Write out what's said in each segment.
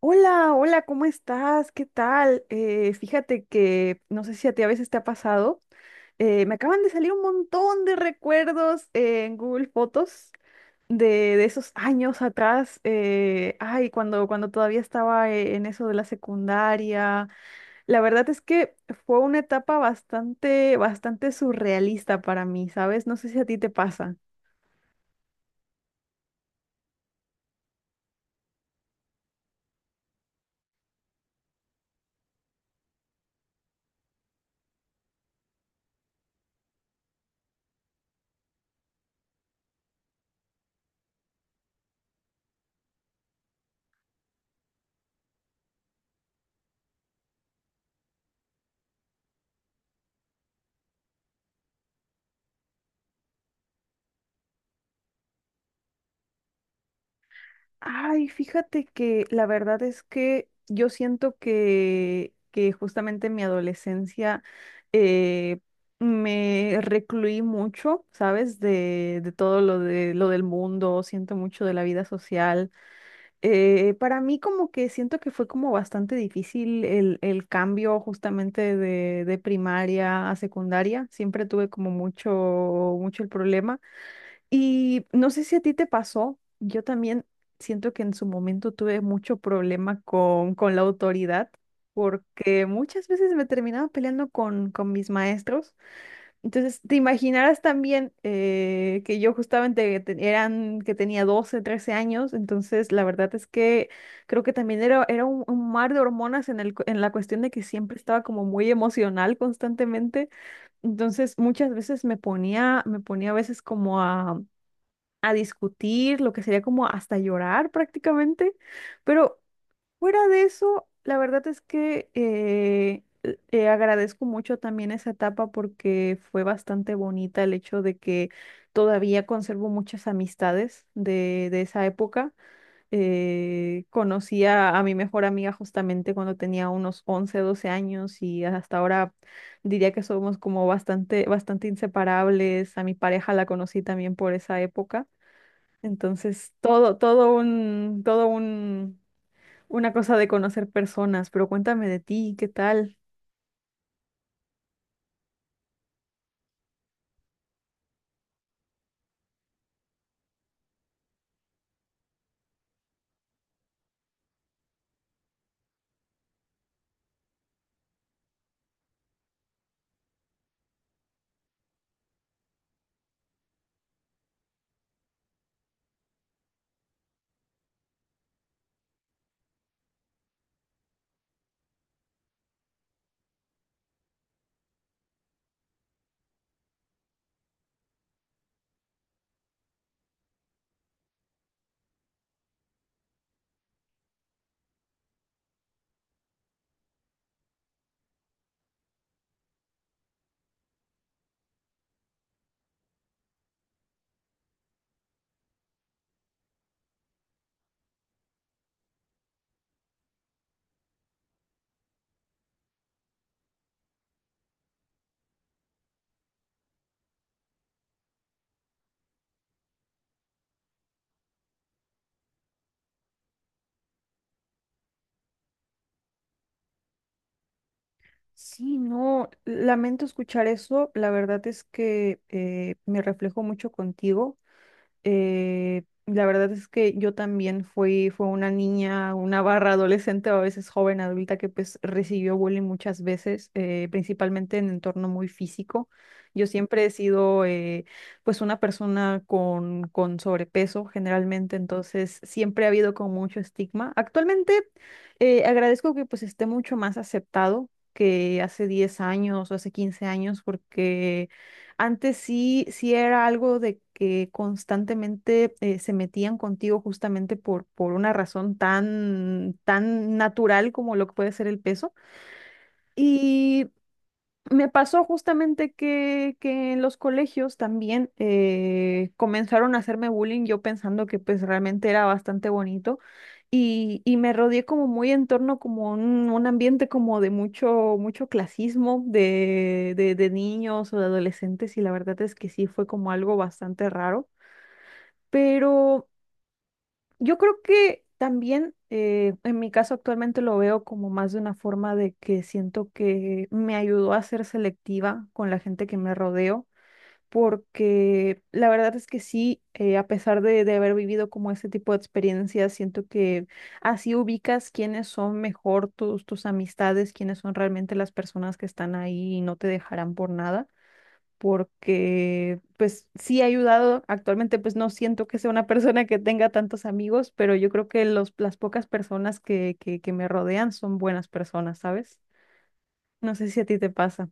Hola, hola, ¿cómo estás? ¿Qué tal? Fíjate que no sé si a ti a veces te ha pasado. Me acaban de salir un montón de recuerdos en Google Fotos de, de esos años atrás. Ay, cuando todavía estaba en eso de la secundaria. La verdad es que fue una etapa bastante surrealista para mí, ¿sabes? No sé si a ti te pasa. Ay, fíjate que la verdad es que yo siento que justamente en mi adolescencia eh, me recluí mucho, ¿sabes? De todo lo de lo del mundo, siento mucho de la vida social. Para mí como que siento que fue como bastante difícil el cambio justamente de primaria a secundaria. Siempre tuve como mucho, mucho el problema. Y no sé si a ti te pasó, yo también siento que en su momento tuve mucho problema con la autoridad, porque muchas veces me terminaba peleando con mis maestros. Entonces, te imaginarás también que yo justamente que tenía 12 13 años, entonces la verdad es que creo que también era un mar de hormonas en en la cuestión de que siempre estaba como muy emocional constantemente. Entonces, muchas veces me ponía a veces como a discutir, lo que sería como hasta llorar prácticamente. Pero fuera de eso, la verdad es que agradezco mucho también esa etapa porque fue bastante bonita el hecho de que todavía conservo muchas amistades de esa época. Conocí a mi mejor amiga justamente cuando tenía unos 11 12 años y hasta ahora diría que somos como bastante, bastante inseparables. A mi pareja la conocí también por esa época. Entonces, todo un, una cosa de conocer personas, pero cuéntame de ti, ¿qué tal? Sí, no, lamento escuchar eso. La verdad es que me reflejo mucho contigo. La verdad es que yo también fue una niña, una barra adolescente o a veces joven adulta que pues recibió bullying muchas veces, principalmente en entorno muy físico. Yo siempre he sido pues una persona con sobrepeso generalmente, entonces siempre ha habido con mucho estigma. Actualmente agradezco que pues esté mucho más aceptado que hace 10 años o hace 15 años porque antes sí, sí era algo de que constantemente se metían contigo justamente por una razón tan, tan natural como lo que puede ser el peso. Y me pasó justamente que en los colegios también comenzaron a hacerme bullying, yo pensando que pues realmente era bastante bonito y me rodeé como muy en torno como un ambiente como de mucho, mucho clasismo de niños o de adolescentes y la verdad es que sí fue como algo bastante raro, pero... Yo creo que también en mi caso actualmente lo veo como más de una forma de que siento que me ayudó a ser selectiva con la gente que me rodeo, porque la verdad es que sí, a pesar de haber vivido como ese tipo de experiencias, siento que así ubicas quiénes son mejor tus amistades, quiénes son realmente las personas que están ahí y no te dejarán por nada porque pues sí ha ayudado. Actualmente pues no siento que sea una persona que tenga tantos amigos, pero yo creo que las pocas personas que me rodean son buenas personas, ¿sabes? No sé si a ti te pasa.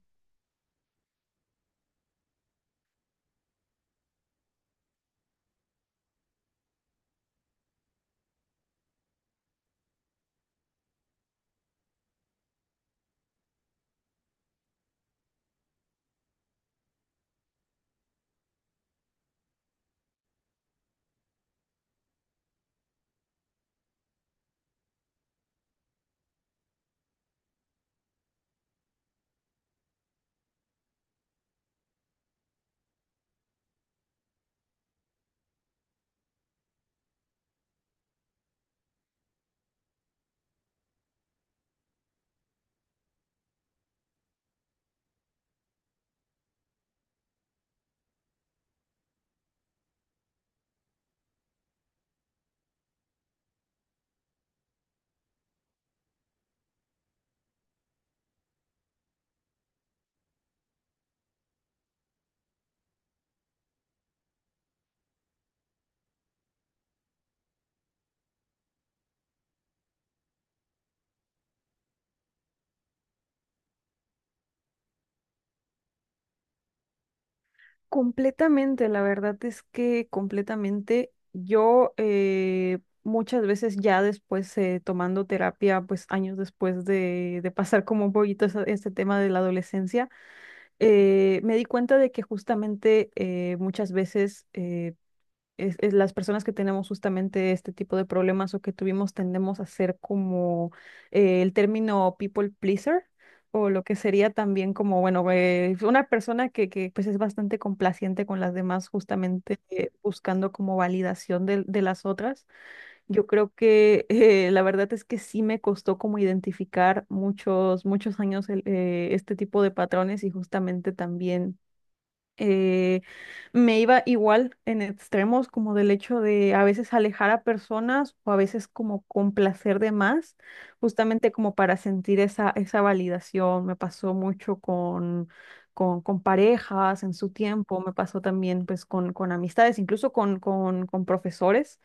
Completamente, la verdad es que completamente yo muchas veces ya después tomando terapia, pues años después de pasar como un poquito este tema de la adolescencia, me di cuenta de que justamente muchas veces es las personas que tenemos justamente este tipo de problemas o que tuvimos tendemos a ser como el término people pleaser o lo que sería también como, bueno, una persona pues es bastante complaciente con las demás justamente buscando como validación de las otras. Yo creo que la verdad es que sí me costó como identificar muchos, muchos años este tipo de patrones y justamente también eh, me iba igual en extremos como del hecho de a veces alejar a personas o a veces como complacer de más, justamente como para sentir esa, esa validación. Me pasó mucho con parejas en su tiempo, me pasó también pues con amistades, incluso con profesores,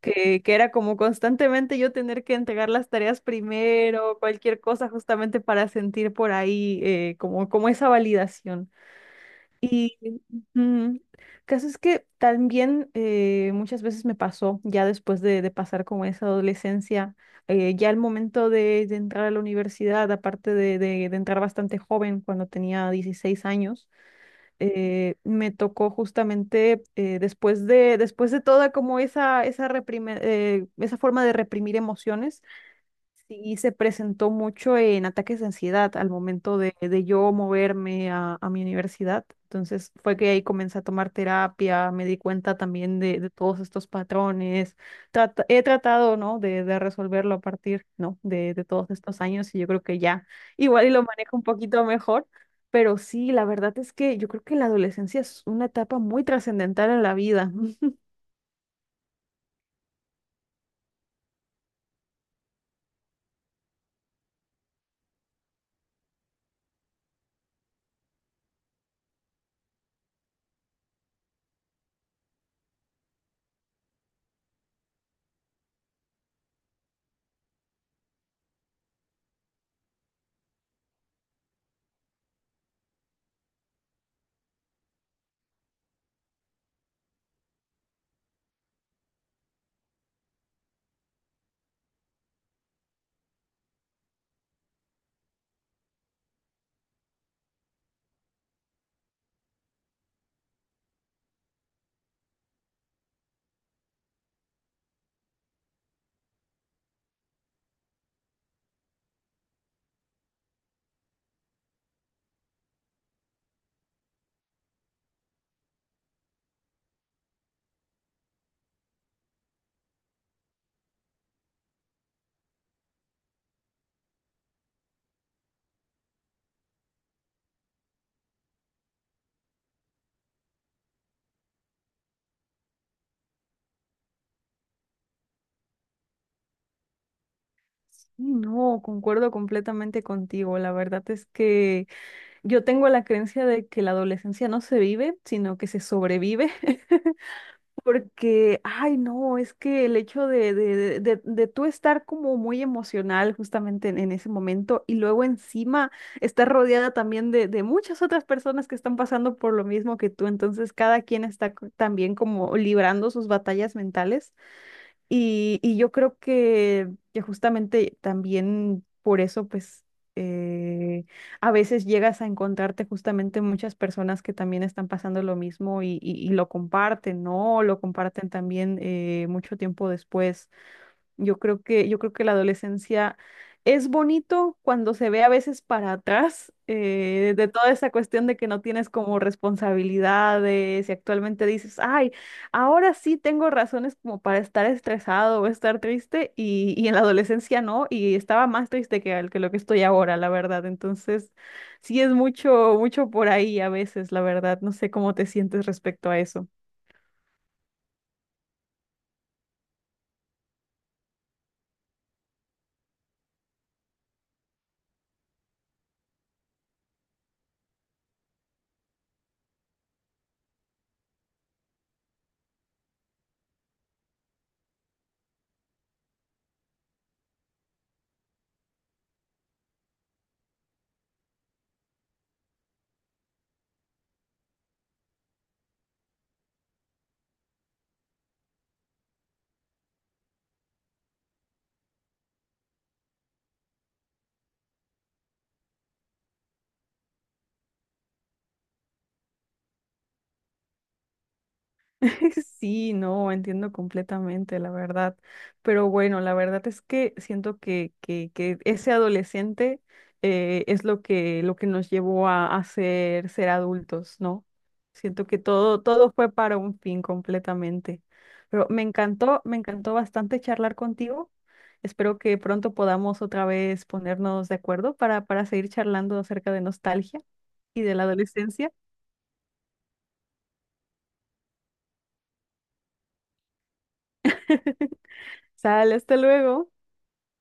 que era como constantemente yo tener que entregar las tareas primero, cualquier cosa justamente para sentir por ahí como esa validación. Y ujú, caso es que también muchas veces me pasó, ya después de pasar como esa adolescencia, ya el momento de entrar a la universidad, aparte de entrar bastante joven, cuando tenía 16 años, me tocó justamente después de toda como esa forma de reprimir emociones. Sí, se presentó mucho en ataques de ansiedad al momento de yo moverme a mi universidad. Entonces fue que ahí comencé a tomar terapia, me di cuenta también de todos estos patrones. He tratado, ¿no? De resolverlo a partir, ¿no? De todos estos años y yo creo que ya igual y lo manejo un poquito mejor. Pero sí, la verdad es que yo creo que la adolescencia es una etapa muy trascendental en la vida. Sí, no, concuerdo completamente contigo. La verdad es que yo tengo la creencia de que la adolescencia no se vive, sino que se sobrevive, porque, ay, no, es que el hecho de tú estar como muy emocional justamente en ese momento y luego encima estar rodeada también de muchas otras personas que están pasando por lo mismo que tú, entonces cada quien está también como librando sus batallas mentales. Y yo creo que justamente también por eso, pues, eh, a veces llegas a encontrarte justamente muchas personas que también están pasando lo mismo y lo comparten, ¿no? Lo comparten también mucho tiempo después. Yo creo que la adolescencia es bonito cuando se ve a veces para atrás de toda esa cuestión de que no tienes como responsabilidades y actualmente dices, ay, ahora sí tengo razones como para estar estresado o estar triste y en la adolescencia no, y estaba más triste que lo que estoy ahora, la verdad. Entonces, sí es mucho, mucho por ahí a veces, la verdad. No sé cómo te sientes respecto a eso. Sí, no, entiendo completamente, la verdad. Pero bueno, la verdad es que siento que ese adolescente es lo que nos llevó a ser, ser adultos, ¿no? Siento que todo, todo fue para un fin completamente. Me encantó bastante charlar contigo. Espero que pronto podamos otra vez ponernos de acuerdo para seguir charlando acerca de nostalgia y de la adolescencia. Sale, hasta luego.